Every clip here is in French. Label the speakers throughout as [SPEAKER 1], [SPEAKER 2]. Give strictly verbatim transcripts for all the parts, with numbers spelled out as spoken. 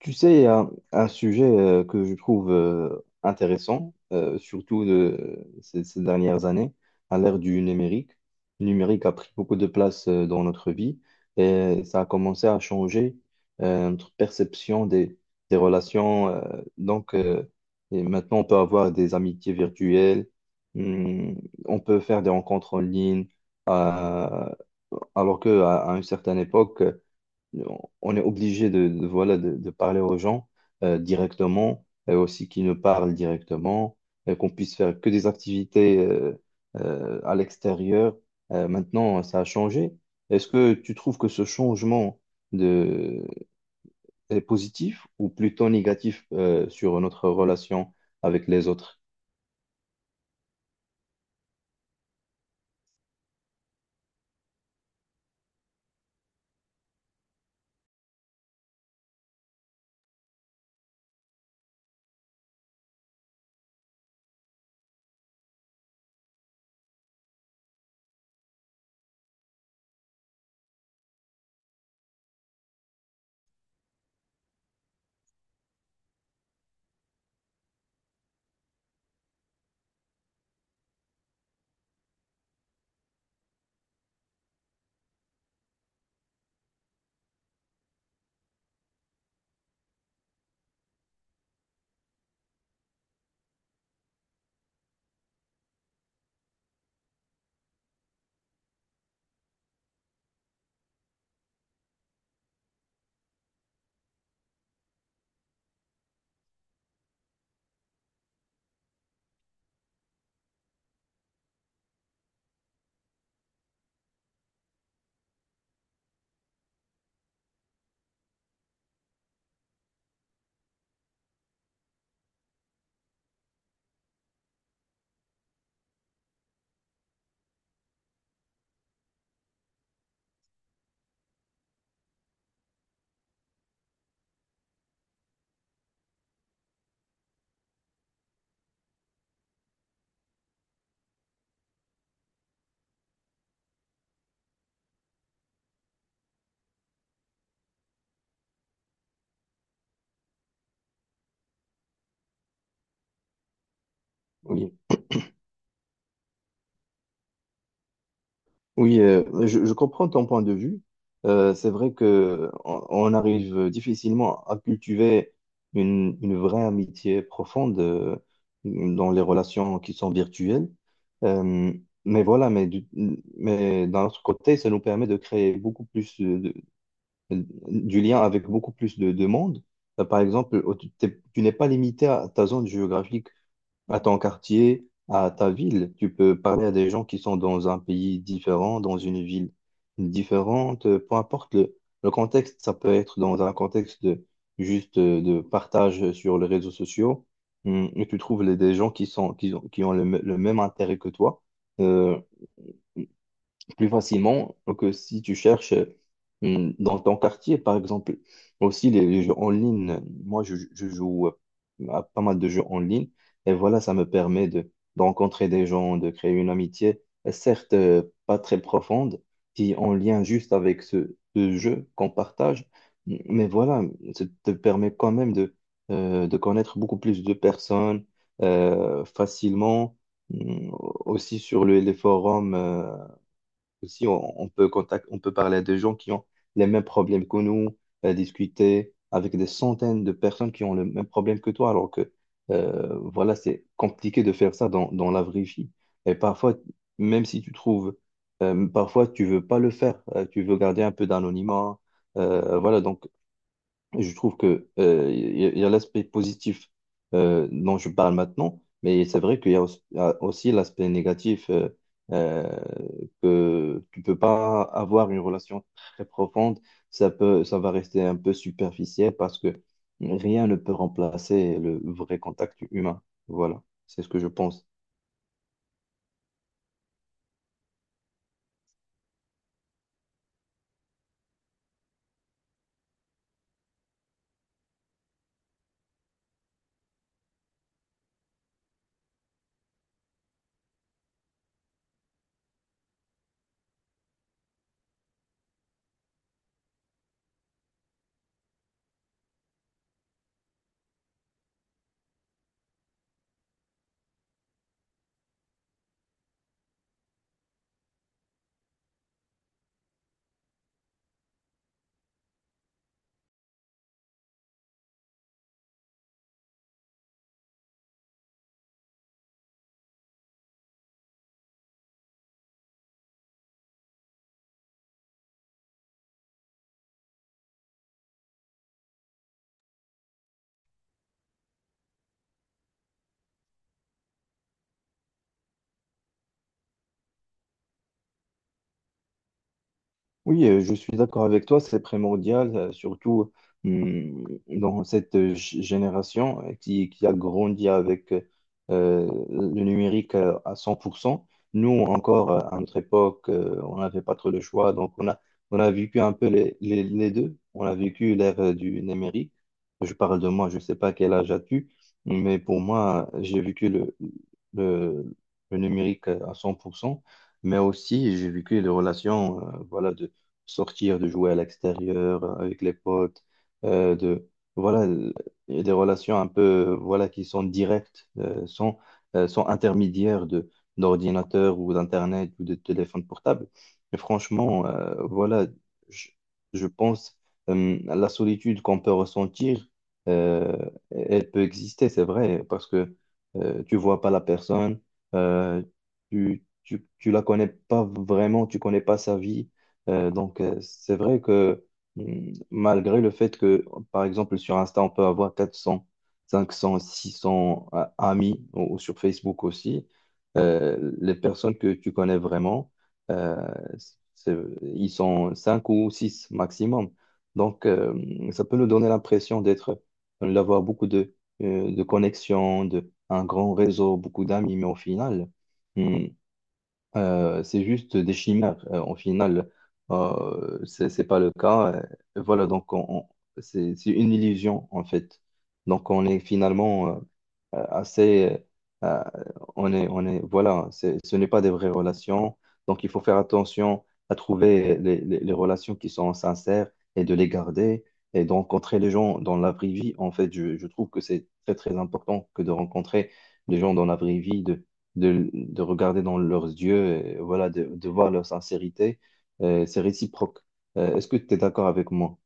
[SPEAKER 1] Tu sais, il y a un, un sujet euh, que je trouve euh, intéressant, euh, surtout de, ces, ces dernières années, à l'ère du numérique. Le numérique a pris beaucoup de place euh, dans notre vie et ça a commencé à changer euh, notre perception des, des relations. euh, donc, euh, et maintenant, on peut avoir des amitiés virtuelles, hum, on peut faire des rencontres en ligne, euh, alors qu'à à à une certaine époque, on est obligé de, de- voilà, de, de parler aux gens euh, directement, et aussi qu'ils nous parlent directement, et qu'on puisse faire que des activités euh, euh, à l'extérieur. Euh, maintenant, ça a changé. Est-ce que tu trouves que ce changement de... est positif ou plutôt négatif euh, sur notre relation avec les autres? Oui. Oui, euh, je, je comprends ton point de vue. Euh, c'est vrai que on, on arrive difficilement à cultiver une, une vraie amitié profonde euh, dans les relations qui sont virtuelles. Euh, mais voilà, mais, du- mais d'un autre côté, ça nous permet de créer beaucoup plus de- de- du lien avec beaucoup plus de, de monde. Euh, par exemple, au- t'es- tu n'es pas limité à ta zone géographique, à ton quartier, à ta ville. Tu peux parler à des gens qui sont dans un pays différent, dans une ville différente, euh, peu importe le, le contexte. Ça peut être dans un contexte de, juste euh, de partage sur les réseaux sociaux. Hum. Et tu trouves les- des gens qui sont, qui ont, qui ont le, m- le même intérêt que toi. Euh, Plus facilement que si tu cherches euh, dans ton quartier, par exemple. Aussi, les, les jeux en ligne, euh, moi, je, je joue euh, à pas mal de jeux en ligne, et voilà, ça me permet de, de rencontrer des gens, de créer une amitié, euh, certes euh, pas très profonde, qui est en lien juste avec ce, ce jeu qu'on partage, mais voilà, ça te permet quand même de, euh, de connaître beaucoup plus de personnes euh, facilement. Mm. Aussi sur le, les forums. Euh, aussi, on, on peut contact, on peut parler à des gens qui ont les mêmes problèmes que nous, euh, discuter avec des centaines de personnes qui ont le même problème que toi, alors que euh, voilà, c'est compliqué de faire ça dans, dans la vraie vie. Et parfois, même si tu trouves, euh, parfois tu veux pas le faire, euh, tu veux garder un peu d'anonymat. Euh, voilà, donc. Et je trouve que euh, il y a il y a l'aspect positif euh, dont je parle maintenant, mais c'est vrai qu'il y a aussi il y a aussi l'aspect négatif, euh, euh, que tu peux pas avoir une relation très profonde. Ça peut, ça va rester un peu superficiel parce que rien ne peut remplacer le vrai contact humain. Voilà, c'est ce que je pense. Oui, euh, je suis d'accord avec toi, c'est primordial, euh, surtout hum, dans cette euh, g- génération euh, qui, qui a grandi avec euh, le numérique euh, à cent. Pour cent. Nous, encore euh, à notre époque, euh, on n'avait pas trop le choix, donc on a, on a vécu un peu les, les- les deux. On a vécu l'ère euh, du numérique. Je parle de moi, je ne sais pas quel âge as-tu, mais pour moi, j'ai vécu le, le, le numérique euh, à cent pour cent, mais aussi j'ai vécu les relations euh, voilà, sortir, de jouer à l'extérieur euh, avec les potes, euh, de voilà, euh, il y a des relations un peu euh, voilà qui sont directes, euh, sans euh, sans intermédiaire de d'ordinateur ou d'internet ou de téléphone portable. Mais franchement, euh, voilà, je, je pense euh, la solitude qu'on peut ressentir, euh, elle peut exister, c'est vrai, parce que euh, tu vois pas la personne, euh, tu, tu tu la connais pas vraiment, tu connais pas sa vie. Euh, donc, euh, c'est vrai que mm, malgré le fait que, par exemple, sur Insta, on peut avoir quatre cents, cinq cents, six cents a- amis, ou, ou sur Facebook aussi, euh, les personnes que tu connais vraiment, euh, c'est- ils sont cinq ou six maximum. Donc, euh, ça peut nous donner l'impression d'être, d'avoir beaucoup de, euh, de connexions, de, un grand réseau, beaucoup d'amis, mais au final, mm, euh, c'est juste des chimères. Euh, en final, euh, c'est c'est pas le cas. Euh, Voilà, donc on- on- c'est c'est une illusion en fait. Donc on est finalement euh, euh, assez euh, on est on est voilà, c'est- ce n'est pas des vraies relations, donc il faut faire attention à trouver les, les- les relations qui sont sincères et de les garder et de rencontrer les gens dans la vraie vie, en fait. Je, je trouve que c'est très très important que de rencontrer les gens dans la vraie vie, de de, de regarder dans leurs yeux et voilà de, de voir leur sincérité. Euh, c'est réciproque. Euh, est-ce que tu es d'accord avec moi?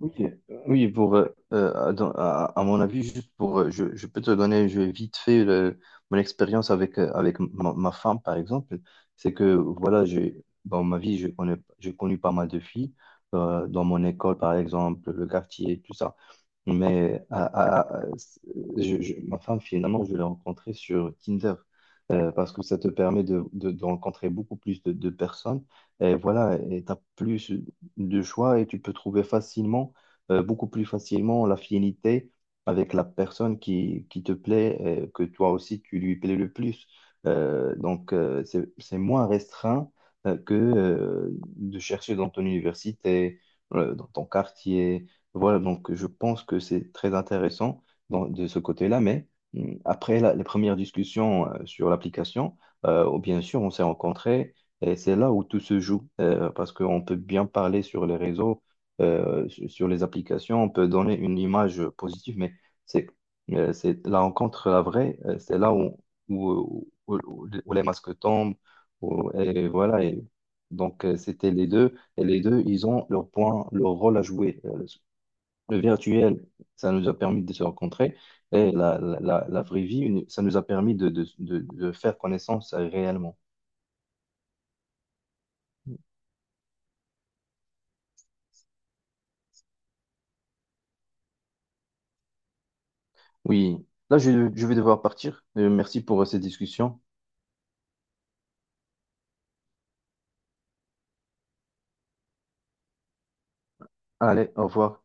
[SPEAKER 1] Oui, oui, pour, euh, euh, dans- à, à mon avis, juste pour, euh, je, je peux te donner, je vais vite fait le- mon expérience avec, euh, avec ma, ma femme, par exemple. C'est que, voilà, j'ai, dans ma vie, je connais, j'ai connu pas mal de filles, euh, dans mon école, par exemple, le quartier, tout ça. Mais à- à- à- je- je- ma femme, finalement, je l'ai rencontrée sur Tinder euh, parce que ça te permet de, de- de rencontrer beaucoup plus de, de personnes. Et voilà, et tu as plus de choix et tu peux trouver facilement euh, beaucoup plus facilement l'affinité avec la personne qui, qui te plaît, et que toi aussi tu lui plais le plus. Euh, donc, euh, c'est, c'est moins restreint euh, que euh, de chercher dans ton université, euh, dans ton quartier. Voilà, donc je pense que c'est très intéressant dans- de ce côté-là, mais hum, après la- les premières discussions euh, sur l'application, euh, oh, bien sûr, on s'est rencontrés. Et c'est là où tout se joue, euh, parce qu'on peut bien parler sur les réseaux, euh, su- sur les applications, on peut donner une image positive, mais c'est euh, c'est la rencontre, la vraie, euh, c'est là où, où, où- où- où les masques tombent, où- et voilà. Et donc, euh, c'était les deux, et les deux, ils ont leur point, leur rôle à jouer. Euh, Le le virtuel, ça nous a permis de se rencontrer, et la, la, la- la vraie vie, une- ça nous a permis de, de, de, de faire connaissance euh, réellement. Oui, là, je, je vais devoir partir. Euh, Merci pour euh, cette discussion. Allez, au revoir.